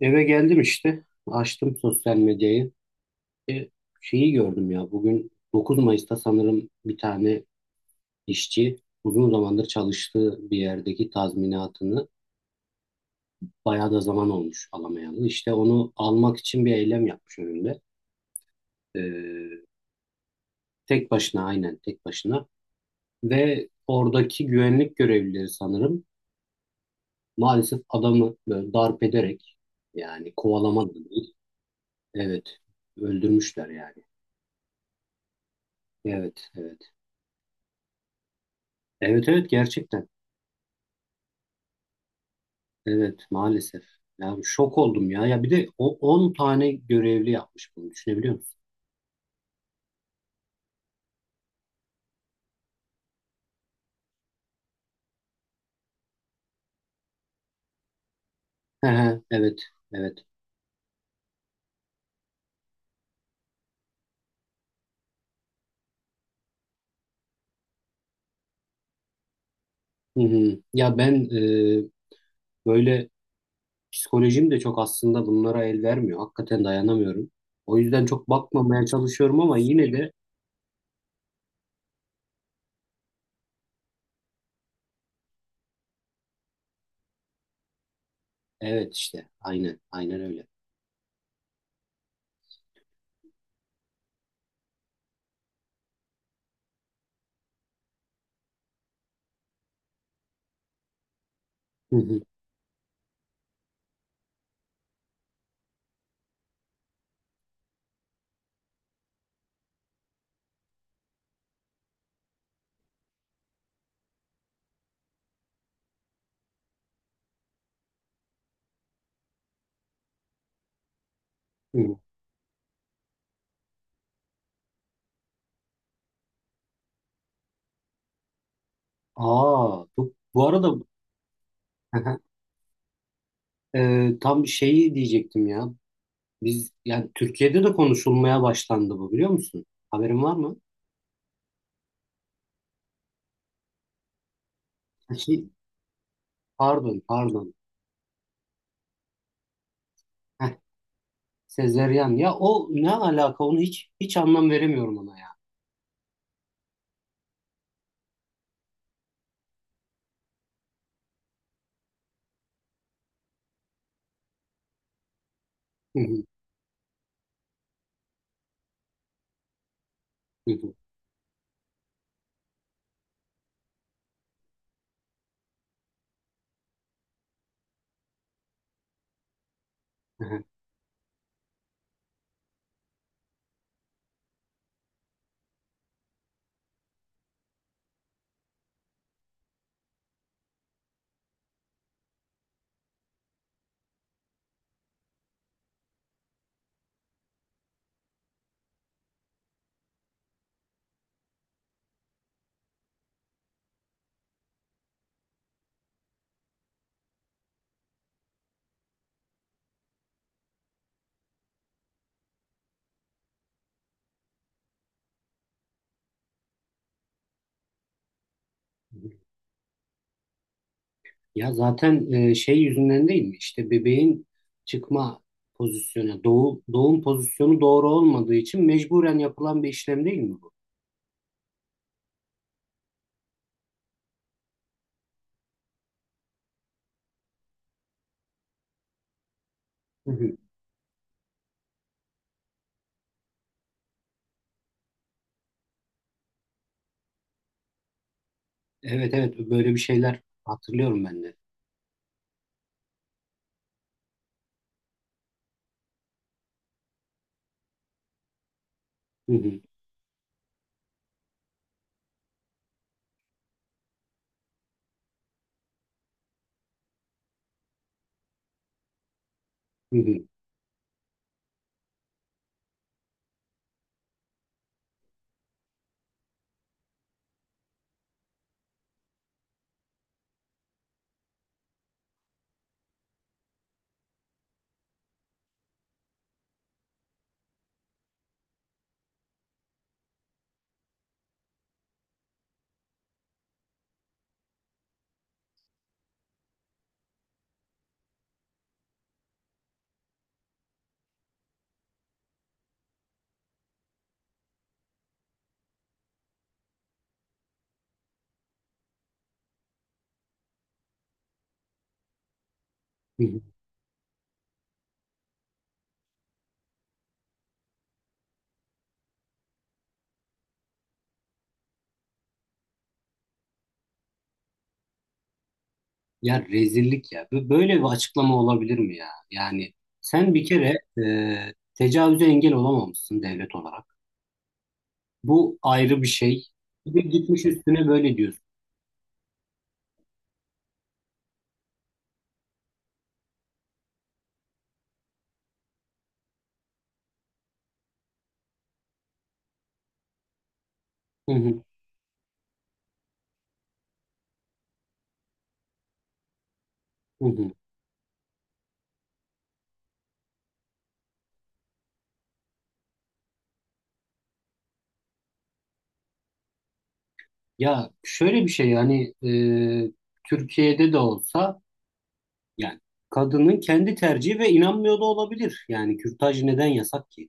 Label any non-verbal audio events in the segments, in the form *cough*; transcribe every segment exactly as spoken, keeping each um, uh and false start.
Eve geldim işte. Açtım sosyal medyayı. E, Şeyi gördüm ya. Bugün dokuz Mayıs'ta sanırım bir tane işçi uzun zamandır çalıştığı bir yerdeki tazminatını bayağı da zaman olmuş alamayalı. İşte onu almak için bir eylem yapmış önünde. E, Tek başına, aynen, tek başına. Ve oradaki güvenlik görevlileri sanırım maalesef adamı böyle darp ederek, yani kovalama da değil. Evet, öldürmüşler yani. Evet, evet. Evet, evet, gerçekten. Evet, maalesef. Yani şok oldum ya. Ya bir de o on tane görevli yapmış bunu, düşünebiliyor musun? He he, evet, evet. Hı hı. Ya ben, e, böyle psikolojim de çok aslında bunlara el vermiyor. Hakikaten dayanamıyorum. O yüzden çok bakmamaya çalışıyorum ama yine de evet, işte aynen, aynen öyle. Hı hı. Hı hı. Aa, bu, bu arada *laughs* e, tam şeyi diyecektim ya. Biz yani Türkiye'de de konuşulmaya başlandı bu, biliyor musun? Haberin var mı? Ha, Hi- pardon, pardon. Heh, sezeryan. Ya o ne alaka? Onu hiç hiç anlam veremiyorum ona ya. Hı hı, hı hı, hı hı. Ya zaten, e, şey yüzünden değil mi? İşte bebeğin çıkma pozisyonu, doğu, doğum pozisyonu doğru olmadığı için mecburen yapılan bir işlem değil mi bu? Hı hı. Evet, evet, böyle bir şeyler hatırlıyorum ben de. Hı hı, hı hı, hı hı. Ya rezillik ya. Bu- Böyle bir açıklama olabilir mi ya? Yani sen bir kere, e, tecavüze engel olamamışsın devlet olarak. Bu ayrı bir şey. Bir de gitmiş üstüne böyle diyorsun. Hı hı, hı hı. Ya şöyle bir şey yani, e, Türkiye'de de olsa yani kadının kendi tercihi ve inanmıyor da olabilir. Yani kürtaj neden yasak ki?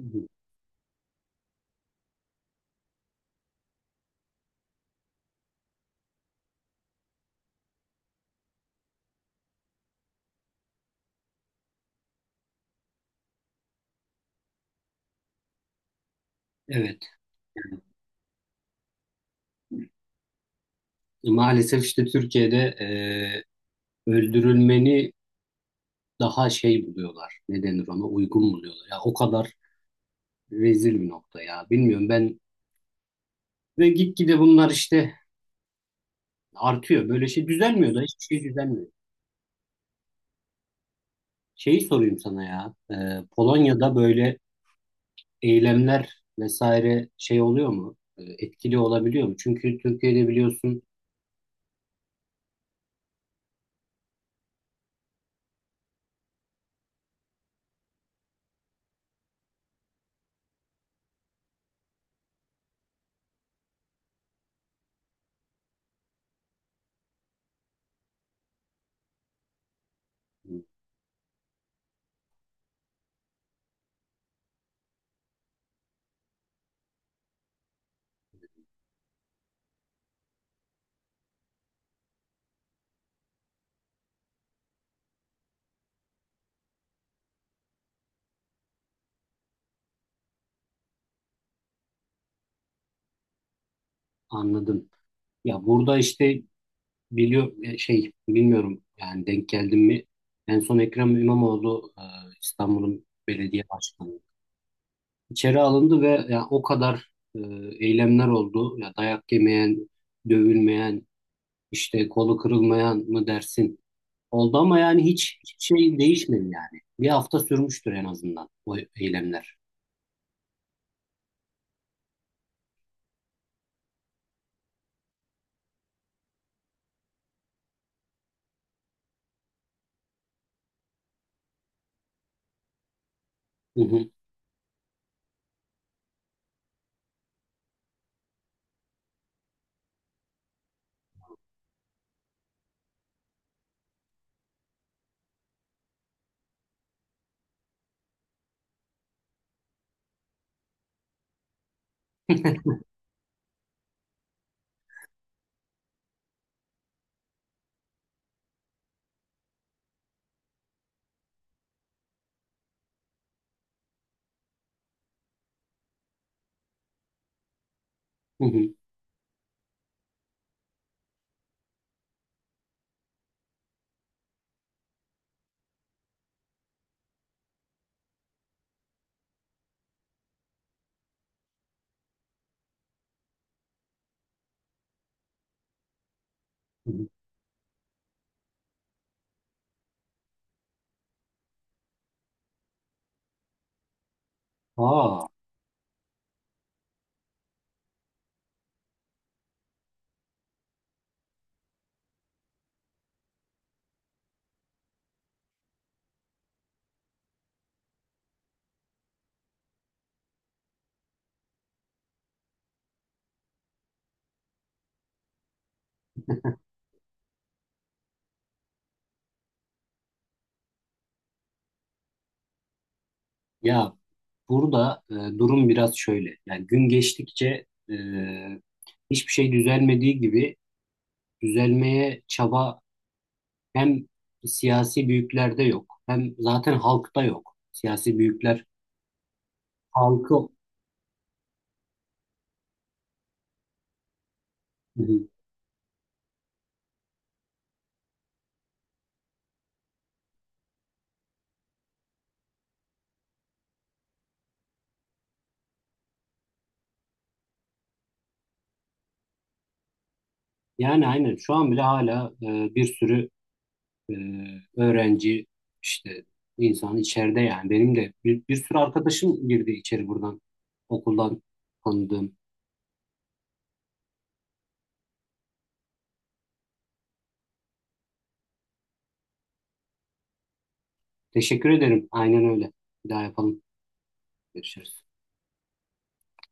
Hı hı. Evet. E, Maalesef işte Türkiye'de e, öldürülmeni daha şey buluyorlar. Ne denir ona? Uygun buluyorlar. Ya o kadar rezil bir nokta ya. Bilmiyorum ben, ve gitgide bunlar işte artıyor. Böyle şey düzelmiyor da, hiçbir şey düzelmiyor. Şeyi sorayım sana ya. Ee, Polonya'da böyle eylemler vesaire şey oluyor mu? Ee, etkili olabiliyor mu? Çünkü Türkiye'de biliyorsun anladım. Ya burada işte biliyor, e, şey bilmiyorum, yani denk geldim mi? En son Ekrem İmamoğlu, e, İstanbul'un belediye başkanı, İçeri alındı ve ya o kadar e, eylemler oldu. Ya dayak yemeyen, dövülmeyen, işte kolu kırılmayan mı dersin? Oldu ama yani hiç, hiç şey değişmedi yani. Bir hafta sürmüştür en azından o eylemler. Hı hı, hı hı, hı hı. Aa, ya burada e, durum biraz şöyle. Yani gün geçtikçe e, hiçbir şey düzelmediği gibi düzelmeye çaba hem siyasi büyüklerde yok, hem zaten halkta yok. Siyasi büyükler halkı. Hı hı. Yani aynen şu an bile hala e, bir sürü e, öğrenci işte insan içeride, yani benim de bir, bir sürü arkadaşım girdi içeri buradan, okuldan tanıdığım. Teşekkür ederim. Aynen öyle. Bir daha yapalım. Görüşürüz.